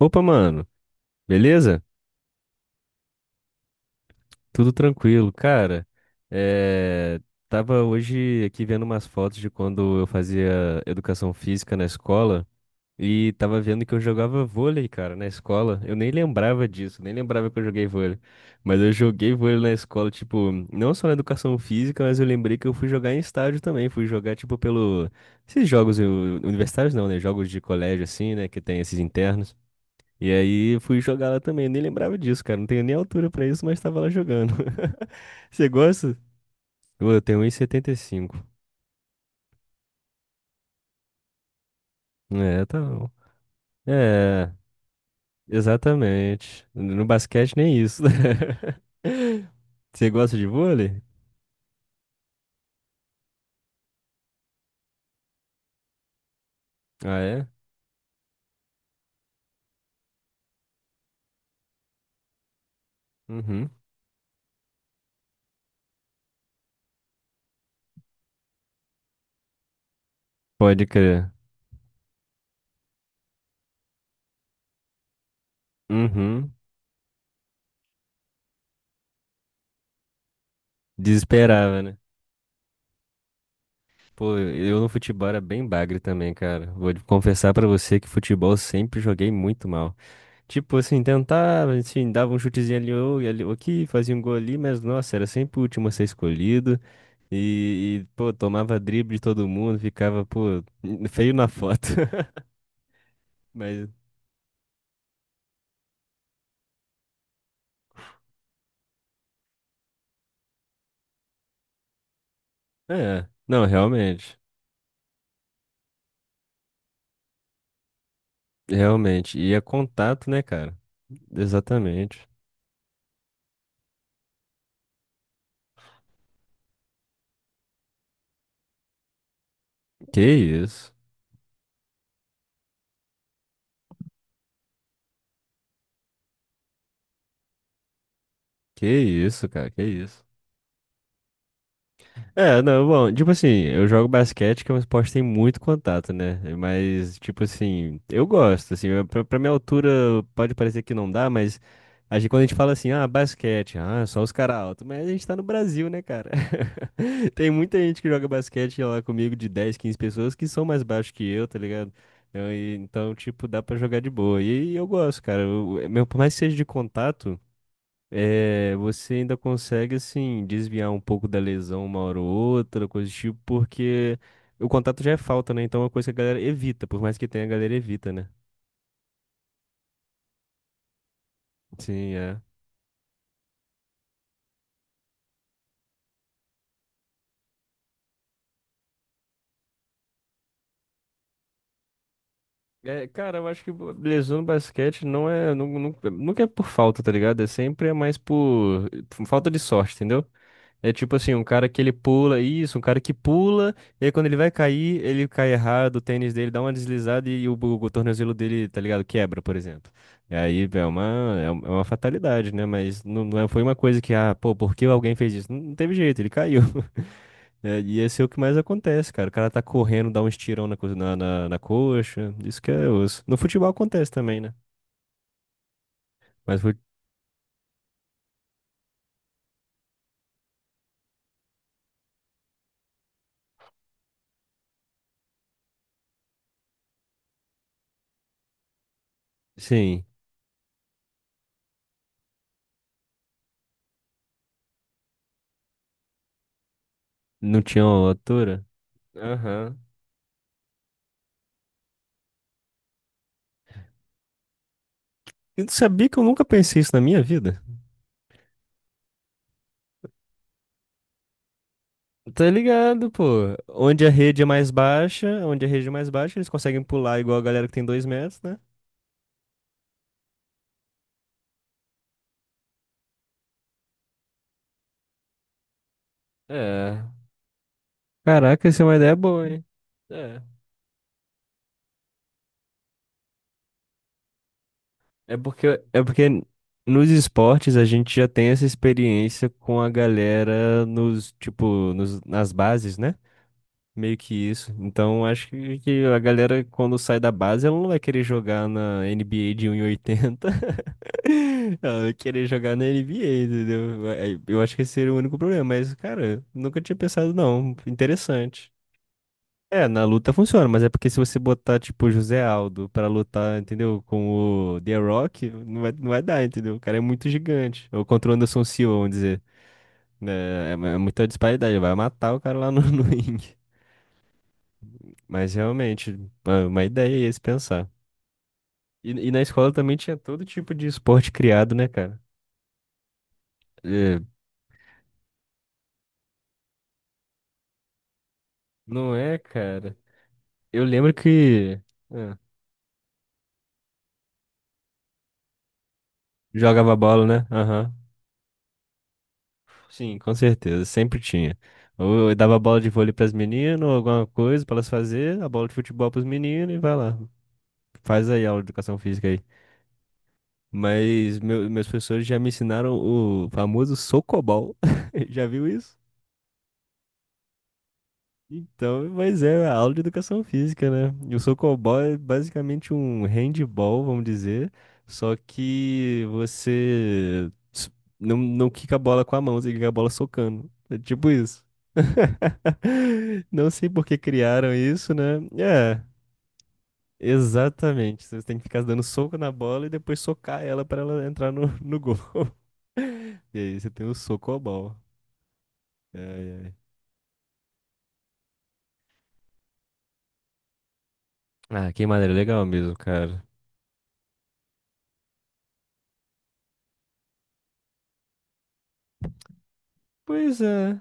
Opa, mano, beleza? Tudo tranquilo, cara. É... Tava hoje aqui vendo umas fotos de quando eu fazia educação física na escola e tava vendo que eu jogava vôlei, cara, na escola. Eu nem lembrava disso, nem lembrava que eu joguei vôlei. Mas eu joguei vôlei na escola, tipo, não só na educação física, mas eu lembrei que eu fui jogar em estádio também. Fui jogar, tipo, pelo. Esses jogos universitários não, né? Jogos de colégio, assim, né? Que tem esses internos. E aí eu fui jogar lá também. Eu nem lembrava disso, cara. Não tenho nem altura pra isso, mas tava lá jogando. Você gosta? Pô, eu tenho 1,75. É, tá bom. É, exatamente. No basquete nem isso. Você gosta de vôlei? Ah, é? Uhum. Pode crer. Uhum. Desesperava, né? Pô, eu no futebol era bem bagre também, cara. Vou confessar pra você que futebol eu sempre joguei muito mal. Tipo assim, tentava, assim, dava um chutezinho ali ou e ali ou aqui, fazia um gol ali, mas nossa, era sempre o último a ser escolhido. E, pô, tomava drible de todo mundo, ficava, pô, feio na foto. Mas, é, não, realmente, realmente. E é contato, né, cara? Exatamente. Que isso, que isso, cara, que isso. É, não, bom, tipo assim, eu jogo basquete, que é um esporte que tem muito contato, né? Mas, tipo assim, eu gosto, assim, pra, minha altura pode parecer que não dá, mas a gente, quando a gente fala assim, ah, basquete, ah, só os caras altos, mas a gente tá no Brasil, né, cara? Tem muita gente que joga basquete lá comigo de 10, 15 pessoas que são mais baixos que eu, tá ligado? Então, tipo, dá pra jogar de boa. E, eu gosto, cara, eu, meu, por mais que seja de contato. É, você ainda consegue, assim, desviar um pouco da lesão uma hora ou outra, coisa do tipo, porque o contato já é falta, né? Então é uma coisa que a galera evita, por mais que tenha, a galera evita, né? Sim, é. É, cara, eu acho que lesão no basquete não é, nunca é por falta, tá ligado? É sempre mais por falta de sorte, entendeu? É tipo assim, um cara que ele pula, isso, um cara que pula, e aí quando ele vai cair, ele cai errado, o tênis dele dá uma deslizada e o, o tornozelo dele, tá ligado? Quebra, por exemplo. E aí é uma, é uma fatalidade, né? Mas não, foi uma coisa que, ah, pô, por que alguém fez isso? Não, não teve jeito, ele caiu. É, e esse é o que mais acontece, cara. O cara tá correndo, dá um estirão na coxa, isso que é osso. No futebol acontece também, né? Mas, sim, não tinha uma altura? Aham. Eu sabia que eu nunca pensei isso na minha vida. Tá ligado, pô. Onde a rede é mais baixa, onde a rede é mais baixa, eles conseguem pular igual a galera que tem 2 metros, né? É, caraca, essa é uma ideia boa, hein? É. É porque. É porque nos esportes a gente já tem essa experiência com a galera nas bases, né? Meio que isso. Então acho que a galera, quando sai da base, ela não vai querer jogar na NBA de 1,80. Não, eu querer jogar na NBA, entendeu? Aí, eu acho que esse seria o único problema, mas, cara, nunca tinha pensado, não. Interessante. É, na luta funciona, mas é porque se você botar, tipo, José Aldo pra lutar, entendeu? Com o The Rock, não vai, não vai dar, entendeu? O cara é muito gigante. Ou contra o Anderson Silva, vamos dizer. É, é muita disparidade, vai matar o cara lá no, no ringue. Mas realmente, é uma ideia é esse pensar. E na escola também tinha todo tipo de esporte criado, né, cara? É, não é, cara? Eu lembro que é, jogava bola, né? Aham. Sim, com certeza, sempre tinha. Ou eu dava bola de vôlei pras meninas, ou alguma coisa pra elas fazer, a bola de futebol pros meninos e vai lá. Faz aí a aula de educação física aí. Mas meus professores já me ensinaram o famoso socobol. Já viu isso? Então, mas é a aula de educação física, né? E o socobol é basicamente um handball, vamos dizer, só que não, não quica a bola com a mão, você quica a bola socando. É tipo isso. Não sei por que criaram isso, né? É, exatamente. Você tem que ficar dando soco na bola e depois socar ela para ela entrar no gol. E aí você tem o socobol. Ai, ai. Ah, que maneira legal mesmo, cara. Pois é.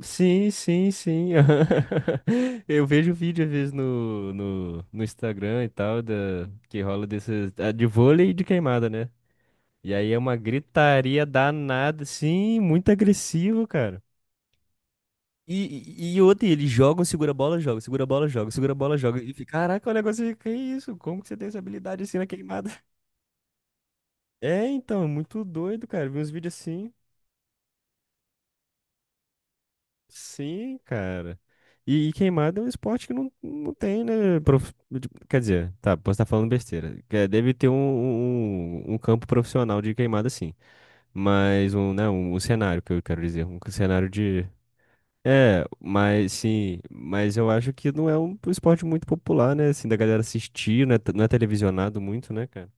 Sim, sim, sim. Eu vejo vídeo às vezes no Instagram e tal, que rola desses, ah, de vôlei e de queimada, né? E aí é uma gritaria danada, sim, muito agressivo, cara. E outra, eles jogam, segura a bola, joga, segura a bola, joga, segura a bola, joga. E fica, caraca, o negócio fica, que isso? Como que você tem essa habilidade assim na queimada? É, então, é muito doido, cara. Vi uns vídeos assim. Sim, cara. E queimada é um esporte que não, não tem, né? Quer dizer, tá, posso estar falando besteira. Que é, deve ter um campo profissional de queimada, sim. Mas um, né, um cenário que eu quero dizer. Um cenário de. É, mas sim, mas eu acho que não é um esporte muito popular, né? Assim, da galera assistir, não é, não é televisionado muito, né, cara?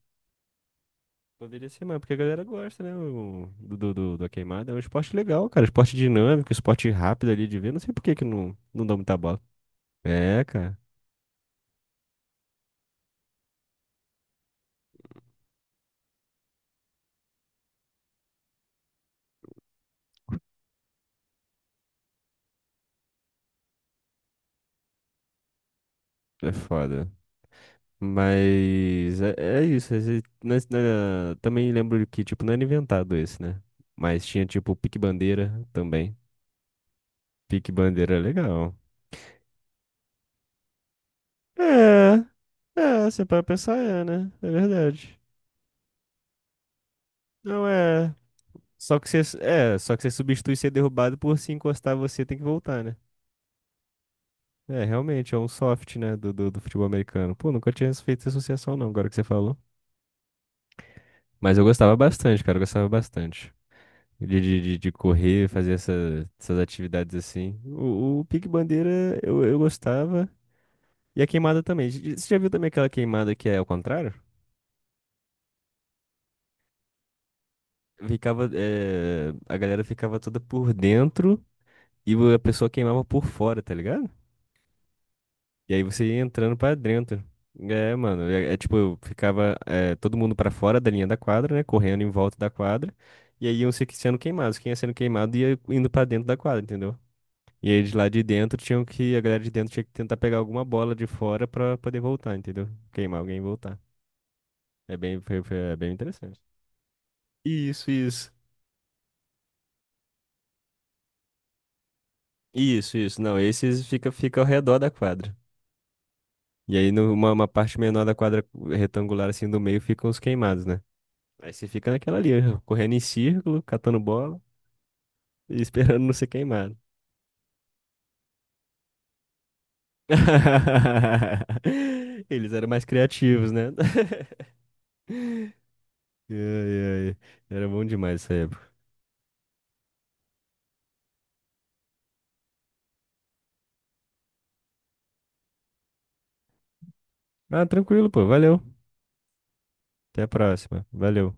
Poderia ser, mas porque a galera gosta, né? Da queimada. É um esporte legal, cara. Esporte dinâmico, esporte rápido ali de ver. Não sei por que que não, não dá muita bola. É, cara. É foda. Mas é, é isso. Também lembro que, tipo, não era inventado esse, né? Mas tinha, tipo, pique-bandeira também. Pique-bandeira é legal. É. É, você para pensar, é, né? É verdade. Não é. Só que você, é, só que você substitui ser derrubado por se encostar, você tem que voltar, né? É, realmente, é um soft, né, do futebol americano. Pô, nunca tinha feito essa associação, não, agora que você falou. Mas eu gostava bastante, cara, eu gostava bastante. De correr, fazer essa, essas atividades assim. O pique-bandeira eu gostava. E a queimada também. Você já viu também aquela queimada que é ao contrário? Ficava, a galera ficava toda por dentro e a pessoa queimava por fora, tá ligado? E aí você ia entrando pra dentro. É, mano, é, é tipo, eu ficava é, todo mundo pra fora da linha da quadra, né? Correndo em volta da quadra. E aí iam se que- sendo queimados. Quem ia sendo queimado ia indo pra dentro da quadra, entendeu? E aí de lá de dentro tinham que, a galera de dentro tinha que tentar pegar alguma bola de fora pra poder voltar, entendeu? Queimar alguém e voltar. É bem, é bem interessante. Isso, isso. Isso, isso. Não, esses fica ao redor da quadra. E aí, numa uma parte menor da quadra retangular, assim, do meio, ficam os queimados, né? Aí você fica naquela ali, ó, correndo em círculo, catando bola e esperando não ser queimado. Eles eram mais criativos, né? Ai, ai. Era bom demais essa época. Ah, tranquilo, pô. Valeu. Até a próxima. Valeu.